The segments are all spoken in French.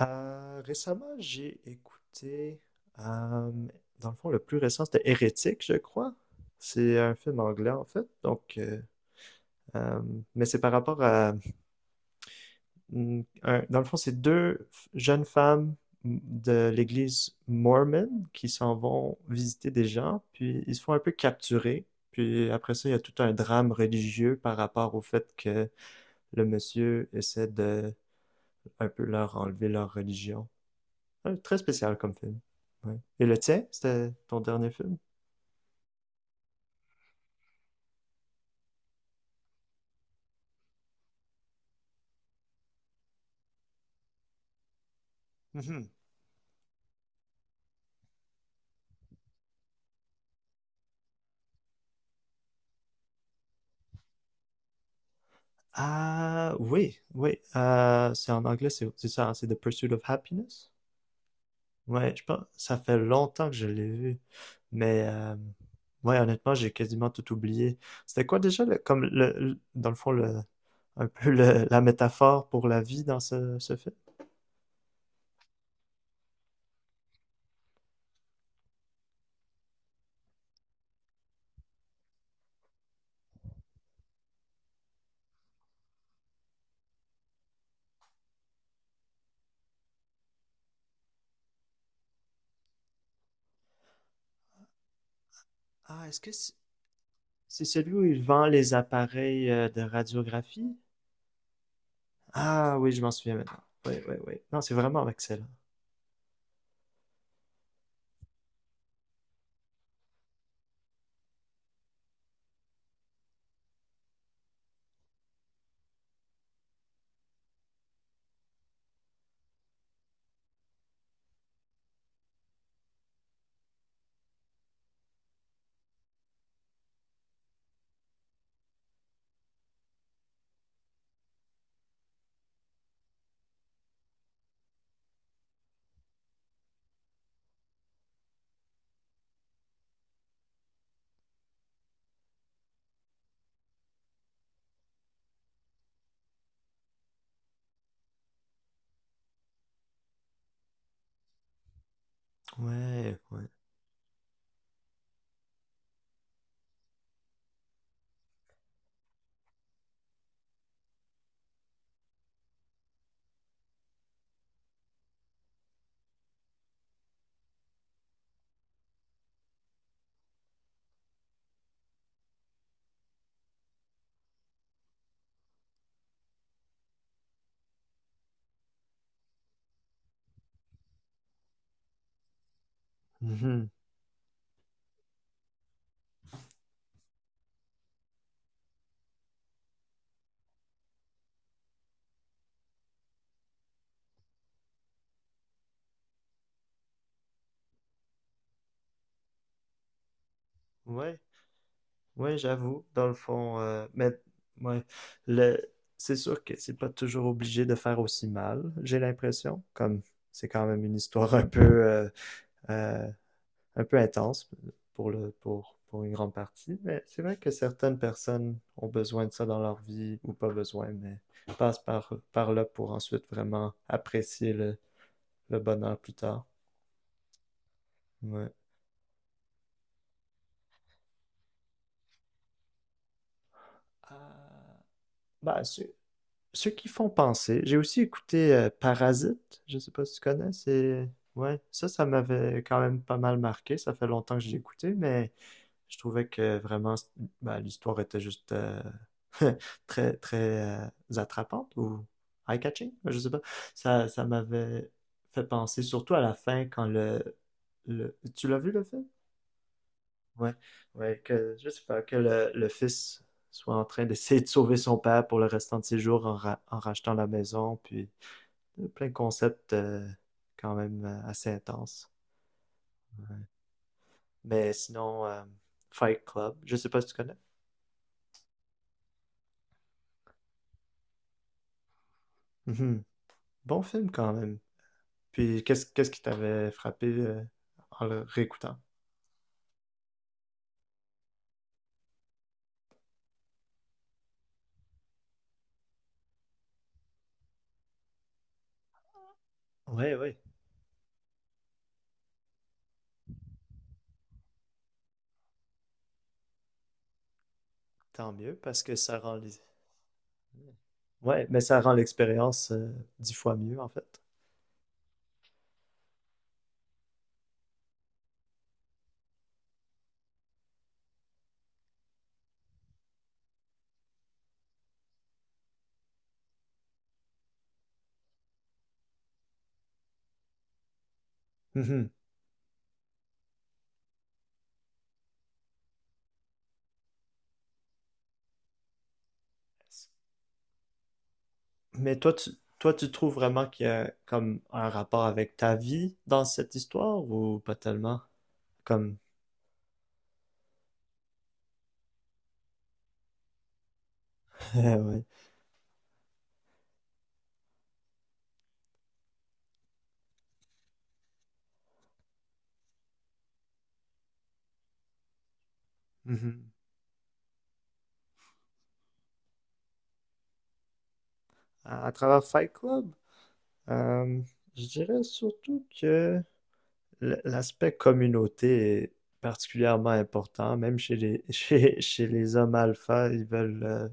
Récemment, j'ai écouté, euh, dans le fond, le plus récent, c'était Hérétique, je crois. C'est un film anglais, en fait. Donc, euh, mais c'est par rapport à, mm, dans le fond, c'est jeunes femmes mm, de l'église mormon qui s'en vont visiter des gens, puis ils se font un peu capturer. Puis après ça, il y a tout un drame religieux par rapport au fait que le monsieur essaie de un peu leur enlever leur religion. Ouais, très spécial comme film. Ouais. Et le tien, c'était ton dernier film? Mhm. Ah, oui, oui. C'est en anglais, c'est ça, hein, c'est The Pursuit of Happiness. Ouais, je pense, ça fait longtemps que je l'ai vu. Mais, ouais, honnêtement, j'ai quasiment tout oublié. C'était quoi déjà, comme, dans le fond, le, un peu la métaphore pour la vie dans ce film? Ah, est-ce que c'est celui où il vend les appareils de radiographie? Ah, oui, je m'en souviens maintenant. Oui, oui, oui. Non, c'est vraiment excellent. Ouais, ouais. Mhm. Ouais, ouais, j'avoue, dans le fond, mais ouais, le, c'est sûr que c'est pas toujours obligé de faire aussi mal, j'ai l'impression, comme c'est quand même une histoire euh, un peu intense pour pour une grande partie, mais c'est vrai que certaines personnes ont besoin de ça dans leur vie, ou pas besoin, mais passent par là pour ensuite vraiment apprécier le bonheur plus tard. Ouais. Ah, bah, c'est ceux qui font penser. J'ai aussi écouté Parasite, je sais pas si tu connais, c'est... Ouais, ça m'avait quand même pas mal marqué, ça fait longtemps que je l'ai écouté, mais je trouvais que vraiment, ben, l'histoire était juste très, très attrapante ou eye-catching, je sais pas. Ça m'avait fait penser surtout à la fin quand le... Tu l'as vu le film? Ouais, ouais, que je sais pas, que le fils soit en train d'essayer de sauver son père pour le restant de ses jours en rachetant la maison, puis plein de concepts quand même assez intenses. Mais sinon, Fight Club, je sais pas si tu connais. Mhm. Bon film quand même. Puis qu'est-ce qui t'avait frappé en le réécoutant? Ouais, ouais, tant mieux parce que ça rend les... Ouais, mais ça rend l'expérience 10 fois mieux en fait. Mhm. Mais toi, tu trouves vraiment qu'il y a comme un rapport avec ta vie dans cette histoire ou pas tellement? Comme, ouais. Mhm. À travers Fight Club, euh, je dirais surtout que l'aspect communauté est particulièrement important, même chez les, chez les hommes alpha, ils veulent,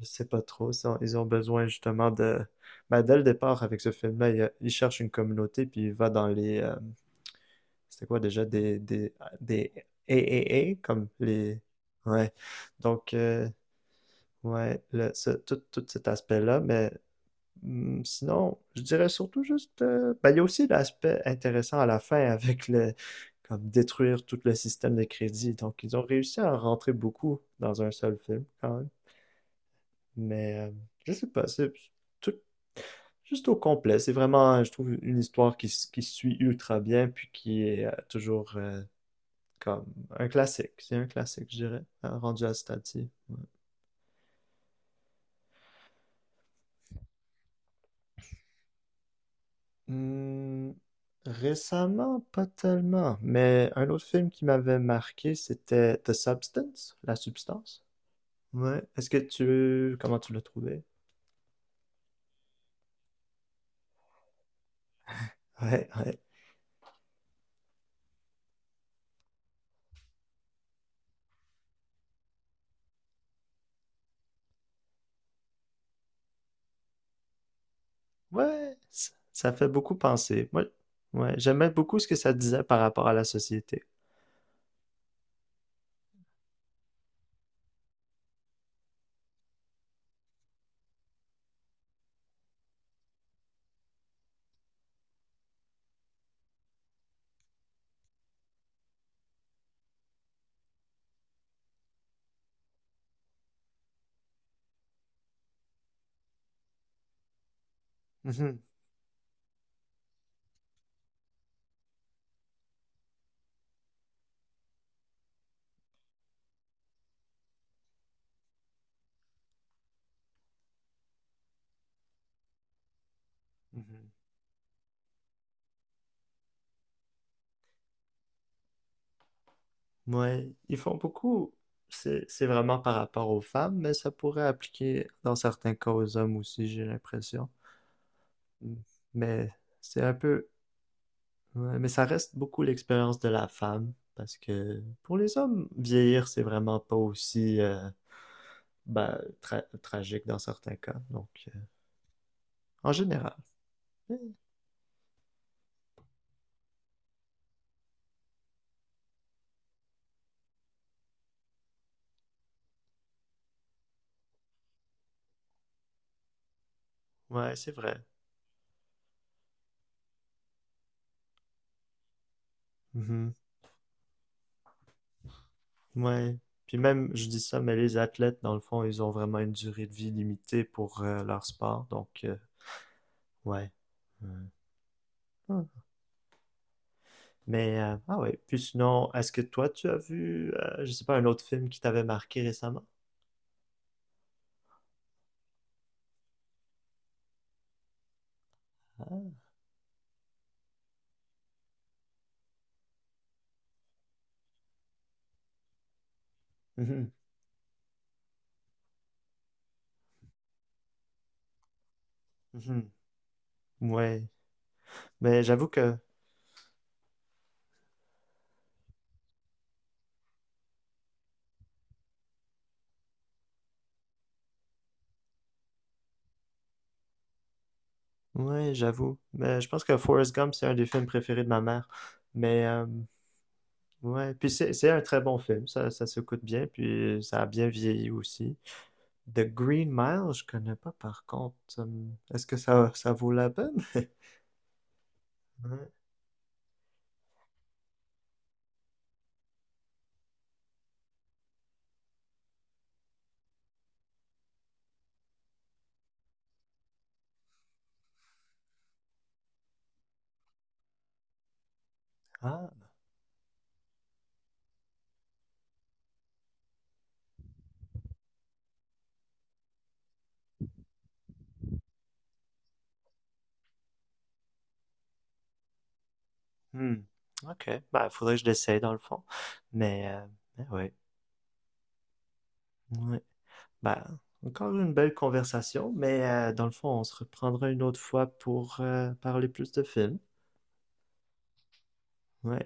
je sais pas trop, ils ont besoin justement de, ben, dès le départ avec ce film-là, ils cherchent une communauté puis il va dans les, c'était quoi déjà des triple a comme les. Ouais. Donc, ouais, tout, tout cet aspect-là. Mais sinon, je dirais surtout juste. Ben, il y a aussi l'aspect intéressant à la fin avec le. Comme détruire tout le système de crédit. Donc, ils ont réussi à en rentrer beaucoup dans un seul film, quand même. Mais je sais pas, c'est tout, juste au complet. C'est vraiment, je trouve, une histoire qui, qui suit ultra bien, puis qui est toujours. Comme un classique. C'est un classique, je dirais. Rendu à ce Ouais. Hmm, récemment, pas tellement. Mais un autre film qui m'avait marqué, c'était The Substance, La Substance. Ouais. Est-ce que tu... Comment tu l'as trouvé? Ouais, ouais. Ouais, ça fait beaucoup penser. Moi, ouais, j'aimais beaucoup ce que ça disait par rapport à la société. Mhm, mhm. Ouais, ils font beaucoup. C'est vraiment par rapport aux femmes, mais ça pourrait appliquer dans certains cas aux hommes aussi, j'ai l'impression. Mm. Mais c'est un peu... ouais, mais ça reste beaucoup l'expérience de la femme, parce que pour les hommes, vieillir, c'est vraiment pas aussi... ben, tragique dans certains cas. Donc, en général. Ouais, c'est vrai. Mhm. Ouais. Puis même, je dis ça, mais les athlètes, dans le fond, ils ont vraiment une durée de vie limitée pour leur sport. Donc, ouais. Ouais. Ah. Mais, ah ouais. Puis sinon, est-ce que toi, tu as vu, je sais pas, un autre film qui t'avait marqué récemment? Ah. Mhm. Mhm. Ouais. Mais j'avoue que, ouais, j'avoue. Mais je pense que Forrest Gump, c'est un des films préférés de ma mère. Mais, ouais, puis c'est un très bon film, ça s'écoute bien, puis ça a bien vieilli aussi. The Green Mile, je connais pas par contre. Est-ce que ça vaut la peine? Ouais. Ah, hmm. Ok, bah faudrait que je l'essaye dans le fond. Mais, euh, mais ouais, ouais. Bah, encore une belle conversation, mais dans le fond, on se reprendra une autre fois pour parler plus de films. Ouais.